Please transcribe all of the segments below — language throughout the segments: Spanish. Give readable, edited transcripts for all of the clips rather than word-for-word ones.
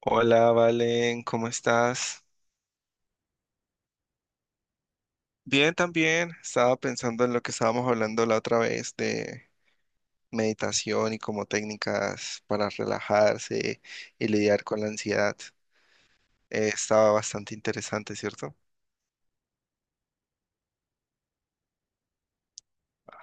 Hola, Valen, ¿cómo estás? Bien, también. Estaba pensando en lo que estábamos hablando la otra vez de meditación y como técnicas para relajarse y lidiar con la ansiedad. Estaba bastante interesante, ¿cierto?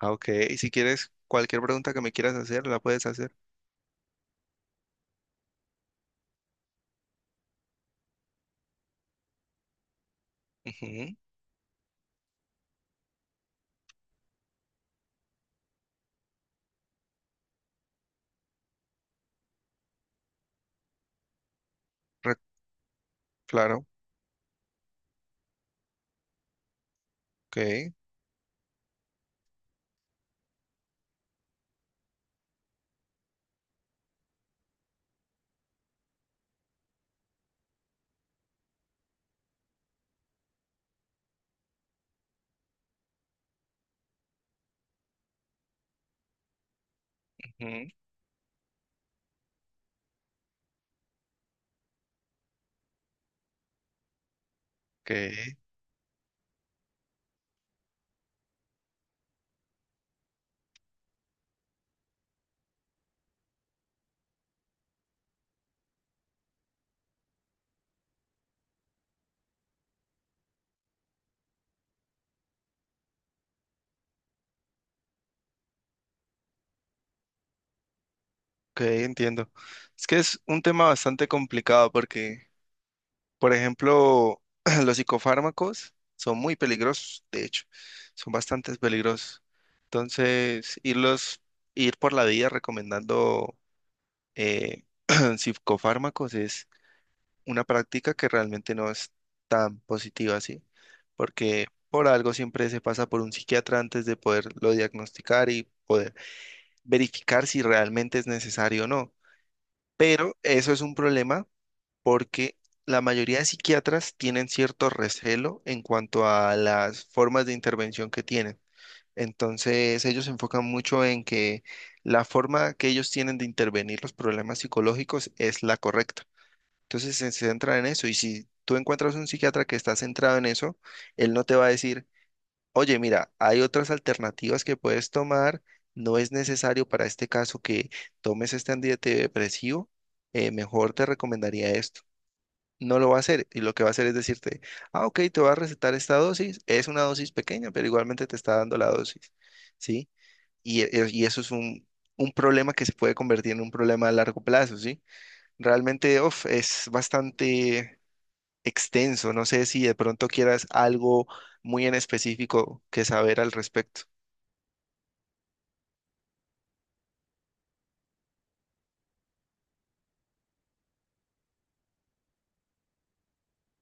Ah, ok. Y si quieres, cualquier pregunta que me quieras hacer, la puedes hacer. Ujú. re- Claro. Ok. Ujú. Ok, ok, entiendo. Es que es un tema bastante complicado porque, por ejemplo, los psicofármacos son muy peligrosos, de hecho, son bastante peligrosos. Entonces, irlos, Ir por la vida recomendando eh, psicofármacos es una práctica que realmente no es tan positiva así, porque por algo siempre se pasa por un psiquiatra antes de poderlo diagnosticar y poder verificar si realmente es necesario o no. Pero eso es un problema porque la mayoría de psiquiatras tienen cierto recelo en cuanto a las formas de intervención que tienen. Entonces, ellos se enfocan mucho en que la forma que ellos tienen de intervenir los problemas psicológicos es la correcta. Entonces, se centran en eso, y si tú encuentras un psiquiatra que está centrado en eso, él no te va a decir, oye, mira, hay otras alternativas que puedes tomar. No es necesario para este caso que tomes este antidepresivo, mejor te recomendaría esto. No lo va a hacer, y lo que va a hacer es decirte, ah, ok, te va a recetar esta dosis, es una dosis pequeña, pero igualmente te está dando la dosis, ¿sí? Y eso es un problema que se puede convertir en un problema a largo plazo, ¿sí? Realmente, uf, es bastante extenso, no sé si de pronto quieras algo muy en específico que saber al respecto.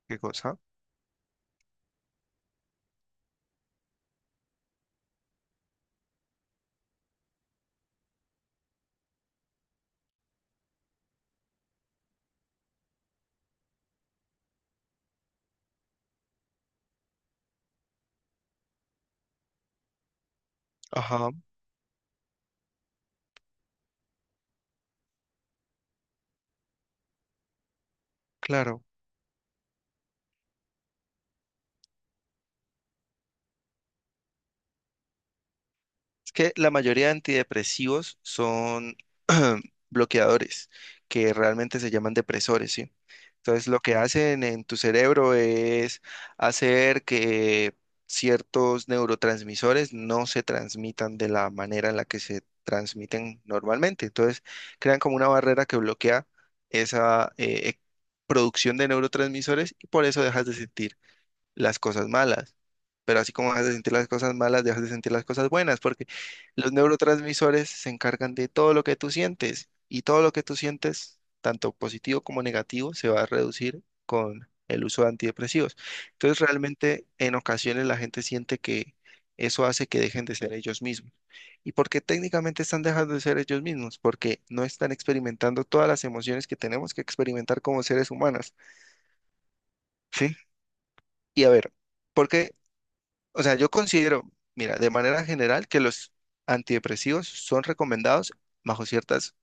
¿Qué cosa? Ajá, claro. Es que la mayoría de antidepresivos son bloqueadores, que realmente se llaman depresores, ¿sí? Entonces, lo que hacen en tu cerebro es hacer que ciertos neurotransmisores no se transmitan de la manera en la que se transmiten normalmente. Entonces, crean como una barrera que bloquea esa producción de neurotransmisores, y por eso dejas de sentir las cosas malas. Pero así como dejas de sentir las cosas malas, dejas de sentir las cosas buenas, porque los neurotransmisores se encargan de todo lo que tú sientes, y todo lo que tú sientes, tanto positivo como negativo, se va a reducir con el uso de antidepresivos. Entonces, realmente en ocasiones la gente siente que eso hace que dejen de ser ellos mismos. ¿Y porque técnicamente están dejando de ser ellos mismos? Porque no están experimentando todas las emociones que tenemos que experimentar como seres humanos, ¿sí? Y a ver, porque, o sea, yo considero, mira, de manera general, que los antidepresivos son recomendados bajo ciertas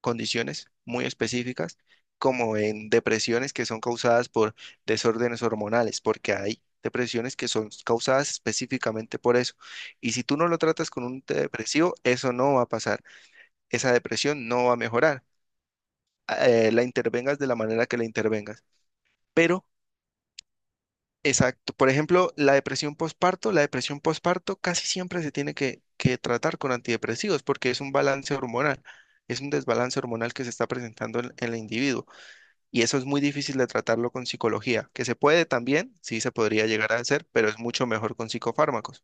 condiciones muy específicas, como en depresiones que son causadas por desórdenes hormonales, porque hay depresiones que son causadas específicamente por eso. Y si tú no lo tratas con un antidepresivo, eso no va a pasar. Esa depresión no va a mejorar, la intervengas de la manera que la intervengas. Pero exacto. Por ejemplo, la depresión postparto casi siempre se tiene que tratar con antidepresivos, porque es un balance hormonal, es un desbalance hormonal que se está presentando en el individuo, y eso es muy difícil de tratarlo con psicología, que se puede también, sí se podría llegar a hacer, pero es mucho mejor con psicofármacos.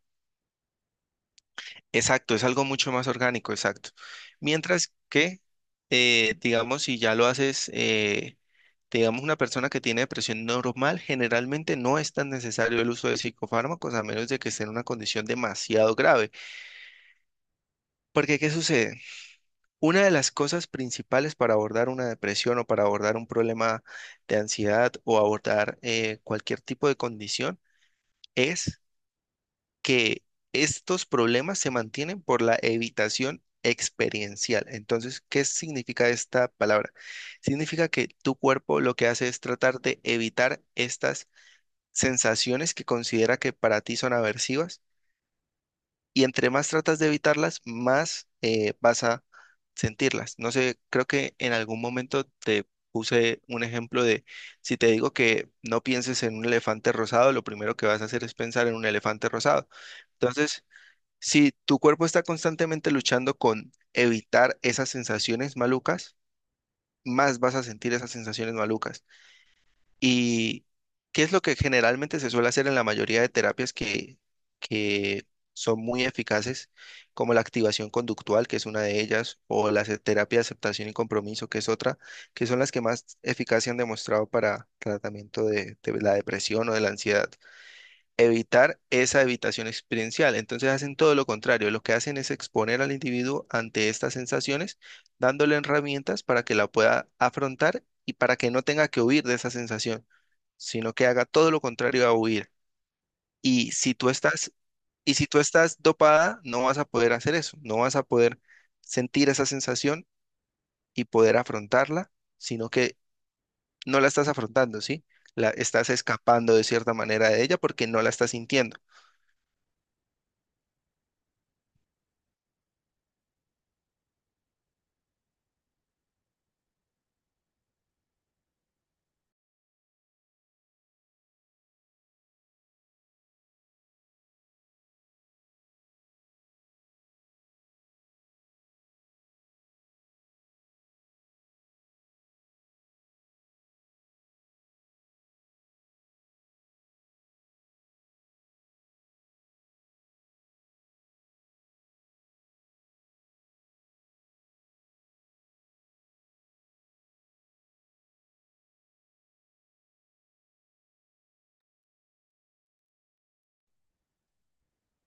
Exacto, es algo mucho más orgánico, exacto. Mientras que, digamos, si ya lo haces, digamos, una persona que tiene depresión normal, generalmente no es tan necesario el uso de psicofármacos a menos de que esté en una condición demasiado grave. Porque, ¿qué sucede? Una de las cosas principales para abordar una depresión o para abordar un problema de ansiedad, o abordar cualquier tipo de condición, es que estos problemas se mantienen por la evitación experiencial. Entonces, ¿qué significa esta palabra? Significa que tu cuerpo lo que hace es tratar de evitar estas sensaciones que considera que para ti son aversivas, y entre más tratas de evitarlas, más vas a sentirlas. No sé, creo que en algún momento te puse un ejemplo de si te digo que no pienses en un elefante rosado, lo primero que vas a hacer es pensar en un elefante rosado. Entonces, si tu cuerpo está constantemente luchando con evitar esas sensaciones malucas, más vas a sentir esas sensaciones malucas. ¿Y qué es lo que generalmente se suele hacer en la mayoría de terapias que son muy eficaces, como la activación conductual, que es una de ellas, o la terapia de aceptación y compromiso, que es otra, que son las que más eficacia han demostrado para tratamiento de la depresión o de la ansiedad? Evitar esa evitación experiencial. Entonces hacen todo lo contrario, lo que hacen es exponer al individuo ante estas sensaciones, dándole herramientas para que la pueda afrontar y para que no tenga que huir de esa sensación, sino que haga todo lo contrario a huir. Y si tú estás, y si tú estás dopada, no vas a poder hacer eso, no vas a poder sentir esa sensación y poder afrontarla, sino que no la estás afrontando, ¿sí? La estás escapando de cierta manera de ella porque no la estás sintiendo.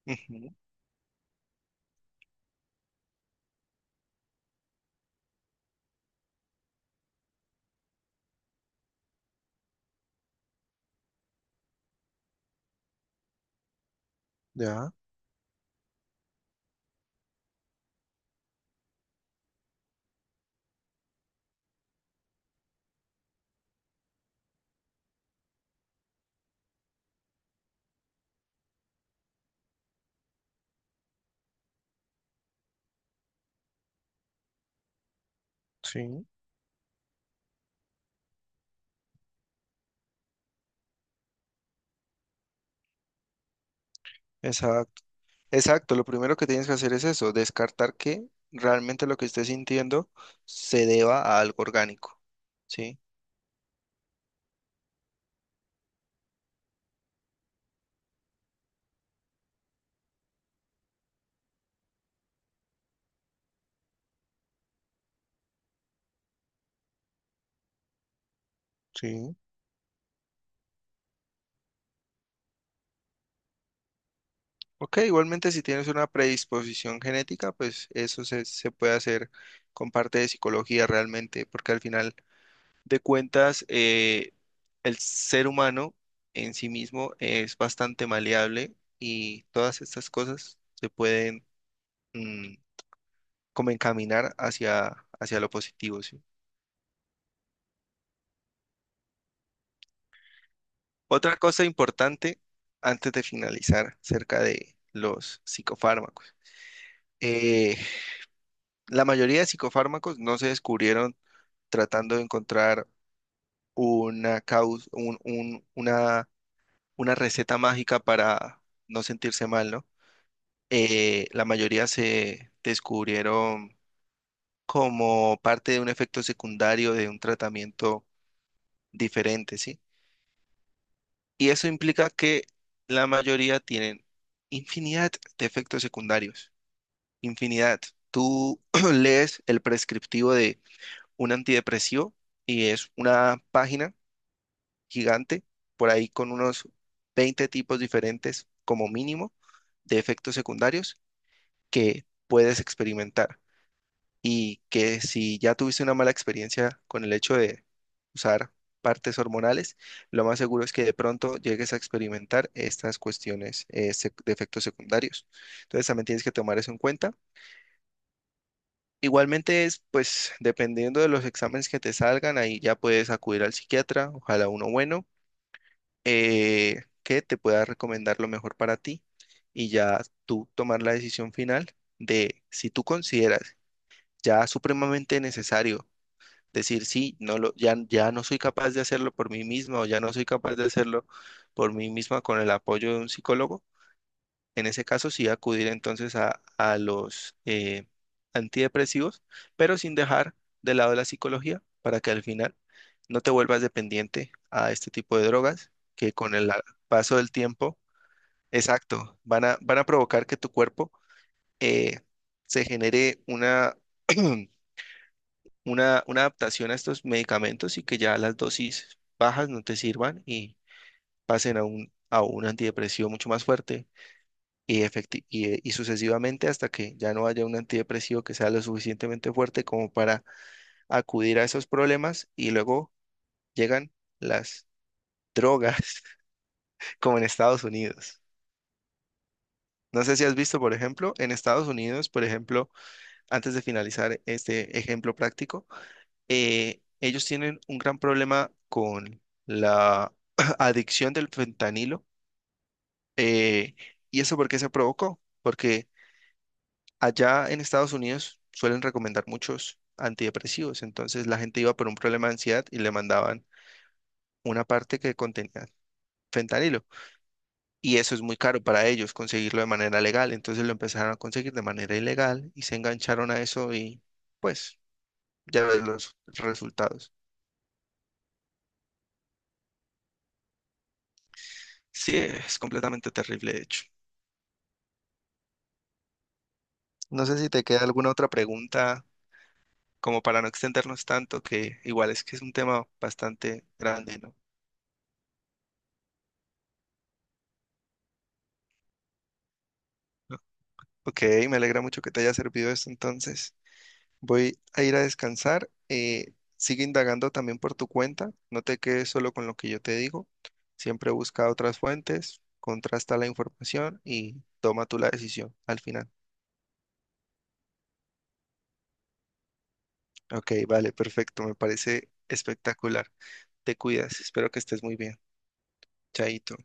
Ujú. Ya. Sí, exacto. Exacto, lo primero que tienes que hacer es eso, descartar que realmente lo que estés sintiendo se deba a algo orgánico. Sí, sí. Ok, igualmente si tienes una predisposición genética, pues eso se puede hacer con parte de psicología realmente, porque al final de cuentas, el ser humano en sí mismo es bastante maleable y todas estas cosas se pueden mm, como encaminar hacia lo positivo, ¿sí? Otra cosa importante antes de finalizar acerca de los psicofármacos. Eh, la mayoría de psicofármacos no se descubrieron tratando de encontrar una causa, una receta mágica para no sentirse mal, ¿no? La mayoría se descubrieron como parte de un efecto secundario de un tratamiento diferente, ¿sí? Y eso implica que la mayoría tienen infinidad de efectos secundarios. Infinidad. Tú lees el prescriptivo de un antidepresivo y es una página gigante, por ahí con unos 20 tipos diferentes como mínimo de efectos secundarios que puedes experimentar. Y que si ya tuviste una mala experiencia con el hecho de usar partes hormonales, lo más seguro es que de pronto llegues a experimentar estas cuestiones de efectos secundarios. Entonces también tienes que tomar eso en cuenta. Igualmente es, pues, dependiendo de los exámenes que te salgan, ahí ya puedes acudir al psiquiatra, ojalá uno bueno, que te pueda recomendar lo mejor para ti, y ya tú tomar la decisión final de si tú consideras ya supremamente necesario decir sí, no lo, ya, ya no soy capaz de hacerlo por mí misma, o ya no soy capaz de hacerlo por mí misma con el apoyo de un psicólogo, en ese caso sí acudir entonces a los antidepresivos, pero sin dejar de lado la psicología, para que al final no te vuelvas dependiente a este tipo de drogas que con el paso del tiempo, exacto, van a provocar que tu cuerpo eh, se genere una adaptación a estos medicamentos, y que ya las dosis bajas no te sirvan y pasen a a un antidepresivo mucho más fuerte y sucesivamente, hasta que ya no haya un antidepresivo que sea lo suficientemente fuerte como para acudir a esos problemas, y luego llegan las drogas, como en Estados Unidos. No sé si has visto, por ejemplo, en Estados Unidos, por ejemplo, antes de finalizar este ejemplo práctico, ellos tienen un gran problema con la adicción del fentanilo. eh, ¿Y eso por qué se provocó? Porque allá en Estados Unidos suelen recomendar muchos antidepresivos, entonces la gente iba por un problema de ansiedad y le mandaban una parte que contenía fentanilo. Y eso es muy caro para ellos conseguirlo de manera legal, entonces lo empezaron a conseguir de manera ilegal y se engancharon a eso, y pues ya ves los resultados. Sí, es completamente terrible, de hecho. No sé si te queda alguna otra pregunta, como para no extendernos tanto, que igual es que es un tema bastante grande, ¿no? Ok, me alegra mucho que te haya servido esto entonces. Voy a ir a descansar. Sigue indagando también por tu cuenta. No te quedes solo con lo que yo te digo. Siempre busca otras fuentes, contrasta la información y toma tú la decisión al final. Ok, vale, perfecto. Me parece espectacular. Te cuidas. Espero que estés muy bien. Chaito.